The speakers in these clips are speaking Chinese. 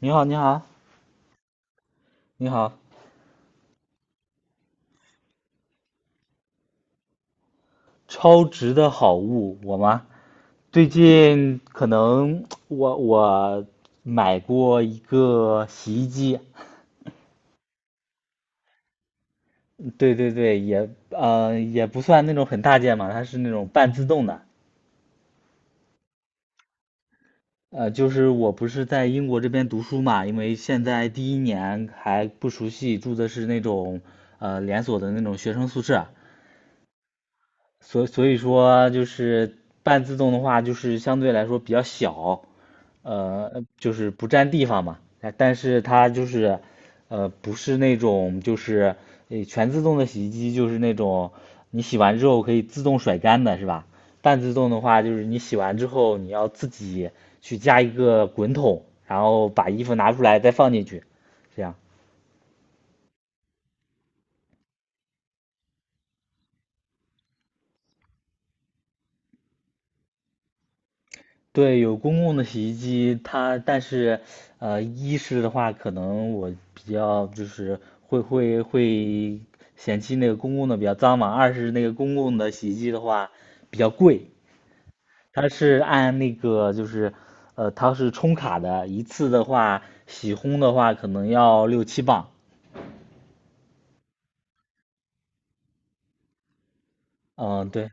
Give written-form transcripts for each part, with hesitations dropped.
你好，你好，你好，超值的好物，我吗？最近可能我买过一个洗衣机，对对对，也也不算那种很大件嘛，它是那种半自动的，就是我不是在英国这边读书嘛，因为现在第一年还不熟悉，住的是那种连锁的那种学生宿舍，所以说就是半自动的话，就是相对来说比较小，就是不占地方嘛。但是它就是，不是那种就是全自动的洗衣机，就是那种你洗完之后可以自动甩干的，是吧？半自动的话，就是你洗完之后你要自己去加一个滚筒，然后把衣服拿出来再放进去，这样。对，有公共的洗衣机，它但是，一是的话，可能我比较就是会嫌弃那个公共的比较脏嘛，二是那个公共的洗衣机的话比较贵，它是按那个就是，它是充卡的，一次的话洗烘的话可能要六七磅，嗯，对，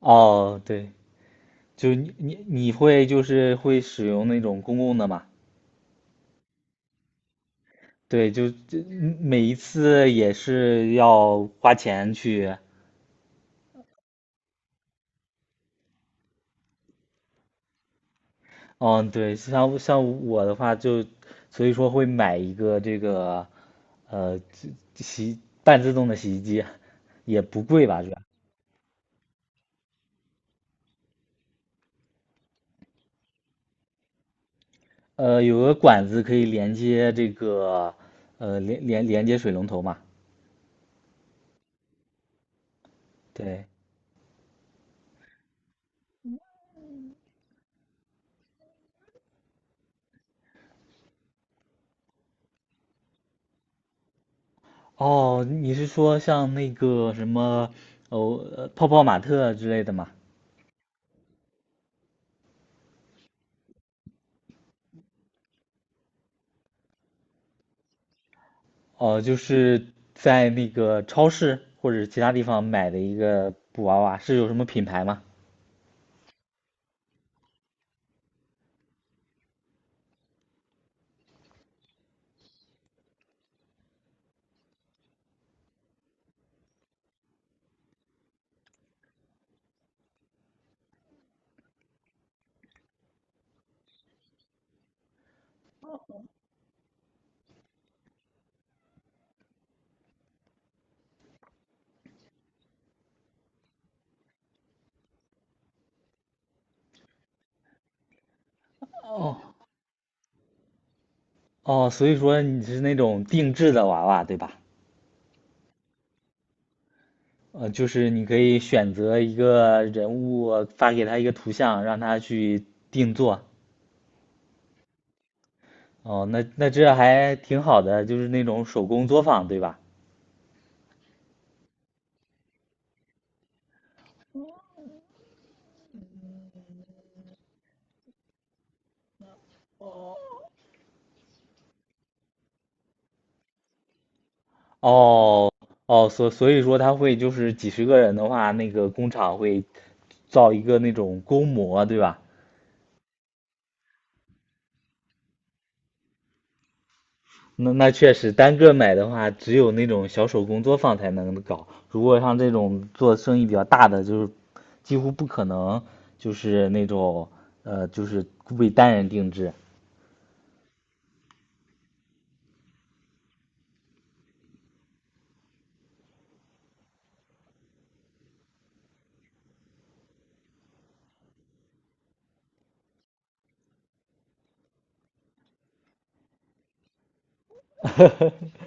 哦，对，就你会就是会使用那种公共的吗？对，就每一次也是要花钱去，嗯，对，像我的话就，所以说会买一个这个，呃，这洗半自动的洗衣机，也不贵吧，是吧？有个管子可以连接这个，连接水龙头嘛，对，哦，你是说像那个什么，哦，泡泡玛特之类的吗？哦，就是在那个超市或者其他地方买的一个布娃娃，是有什么品牌吗？哦哦，所以说你是那种定制的娃娃，对吧？就是你可以选择一个人物，发给他一个图像，让他去定做。哦，那这还挺好的，就是那种手工作坊，对吧？哦哦，所以说他会就是几十个人的话，那个工厂会造一个那种工模，对吧？那确实，单个买的话，只有那种小手工作坊才能搞。如果像这种做生意比较大的，就是几乎不可能，就是那种就是为单人定制。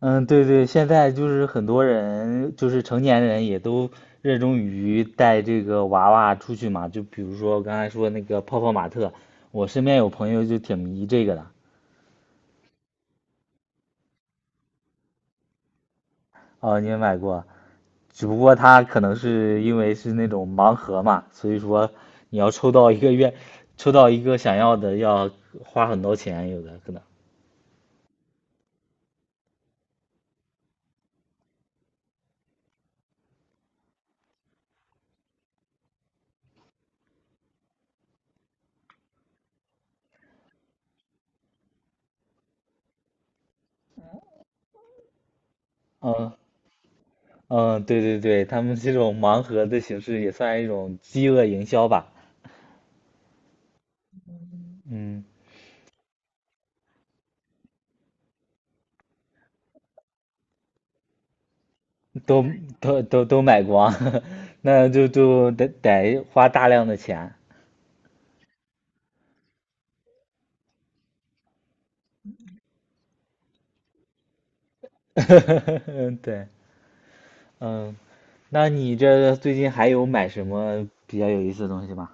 嗯，对对，现在就是很多人，就是成年人也都热衷于带这个娃娃出去嘛。就比如说我刚才说那个泡泡玛特，我身边有朋友就挺迷这个的。哦，你也买过？只不过他可能是因为是那种盲盒嘛，所以说你要抽到一个愿，抽到一个想要的要花很多钱，有的可能。嗯嗯，对对对，他们这种盲盒的形式也算一种饥饿营销吧。嗯，都都买光，那就得花大量的钱。嗯对，嗯，那你这最近还有买什么比较有意思的东西吗？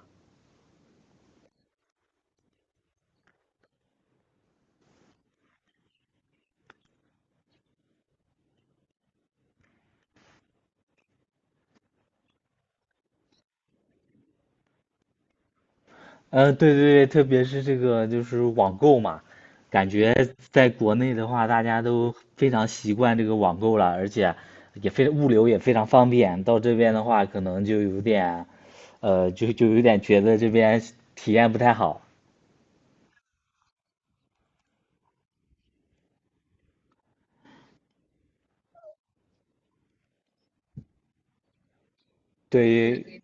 对对对，特别是这个就是网购嘛，感觉在国内的话，大家都非常习惯这个网购了，而且也非物流也非常方便。到这边的话，可能就有点，就有点觉得这边体验不太好。对，于，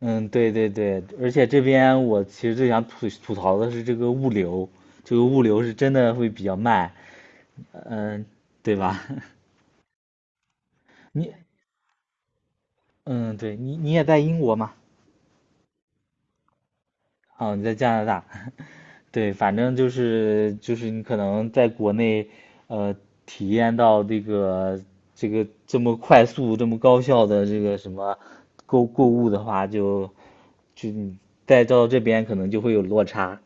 嗯，对对对，而且这边我其实最想吐槽的是这个物流，这个物流是真的会比较慢，嗯，对吧？你，嗯，对你也在英国嘛？哦，你在加拿大。对，反正就是你可能在国内，呃，体验到这个这么快速、这么高效的这个什么购物的话，就你再到这边可能就会有落差。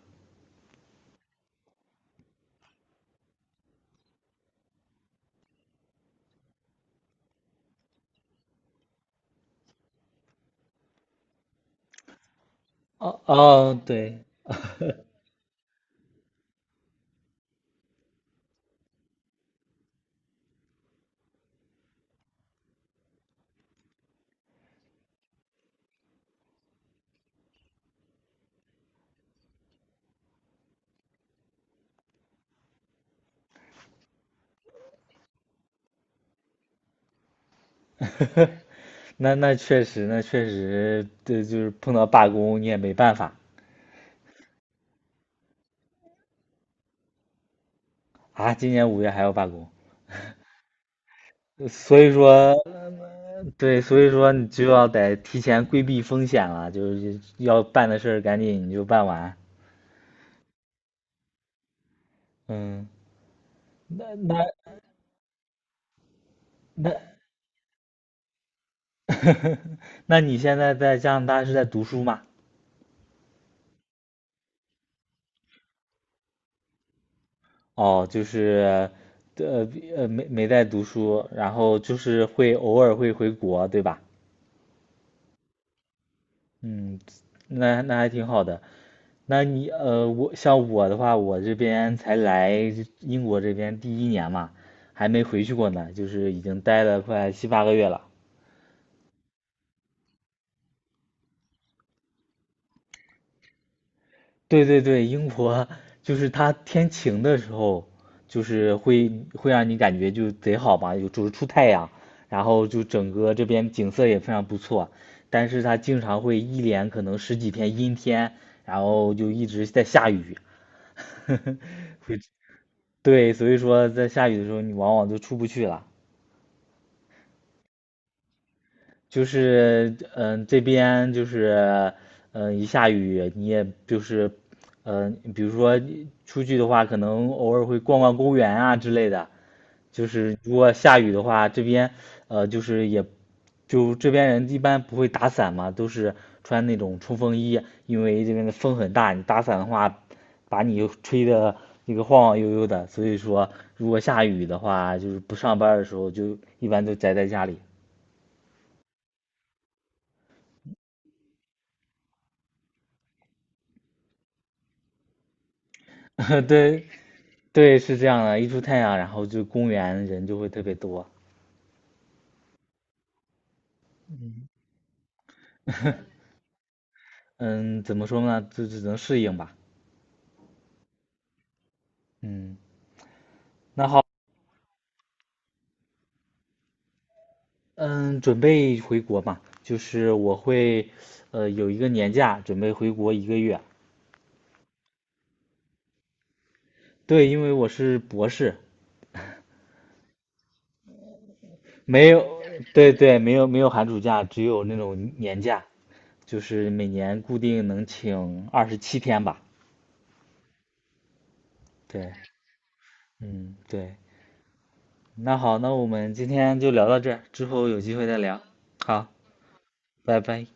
哦哦，对，那确实，那确实，这就是碰到罢工你也没办法啊。今年五月还要罢工。所以说，对，所以说你就要得提前规避风险了，就是要办的事儿赶紧你就办完。嗯，那那那，那你现在在加拿大是在读书吗？哦，就是，呃没在读书，然后就是会偶尔会回国，对吧？嗯，那还挺好的。像我的话，我这边才来英国这边第一年嘛，还没回去过呢，就是已经待了快7、8个月了。对对对，英国就是它天晴的时候，就是会让你感觉就贼好吧，有就是出太阳，然后就整个这边景色也非常不错。但是它经常会一连可能十几天阴天，然后就一直在下雨。对，所以说在下雨的时候，你往往都出不去了。就是这边就是一下雨你也就是比如说出去的话，可能偶尔会逛逛公园啊之类的。就是如果下雨的话，这边就是也就这边人一般不会打伞嘛，都是穿那种冲锋衣，因为这边的风很大，你打伞的话，把你吹的那个晃晃悠悠的。所以说，如果下雨的话，就是不上班儿的时候，就一般都宅在家里。对，对，是这样的，一出太阳，然后就公园人就会特别多。嗯，怎么说呢？就只能适应吧。嗯，那好，嗯，准备回国嘛，就是我会，有一个年假，准备回国一个月。对，因为我是博士，没有，对对，没有没有寒暑假，只有那种年假，就是每年固定能请27天吧。对，嗯，对。那好，那我们今天就聊到这儿，之后有机会再聊。好，拜拜。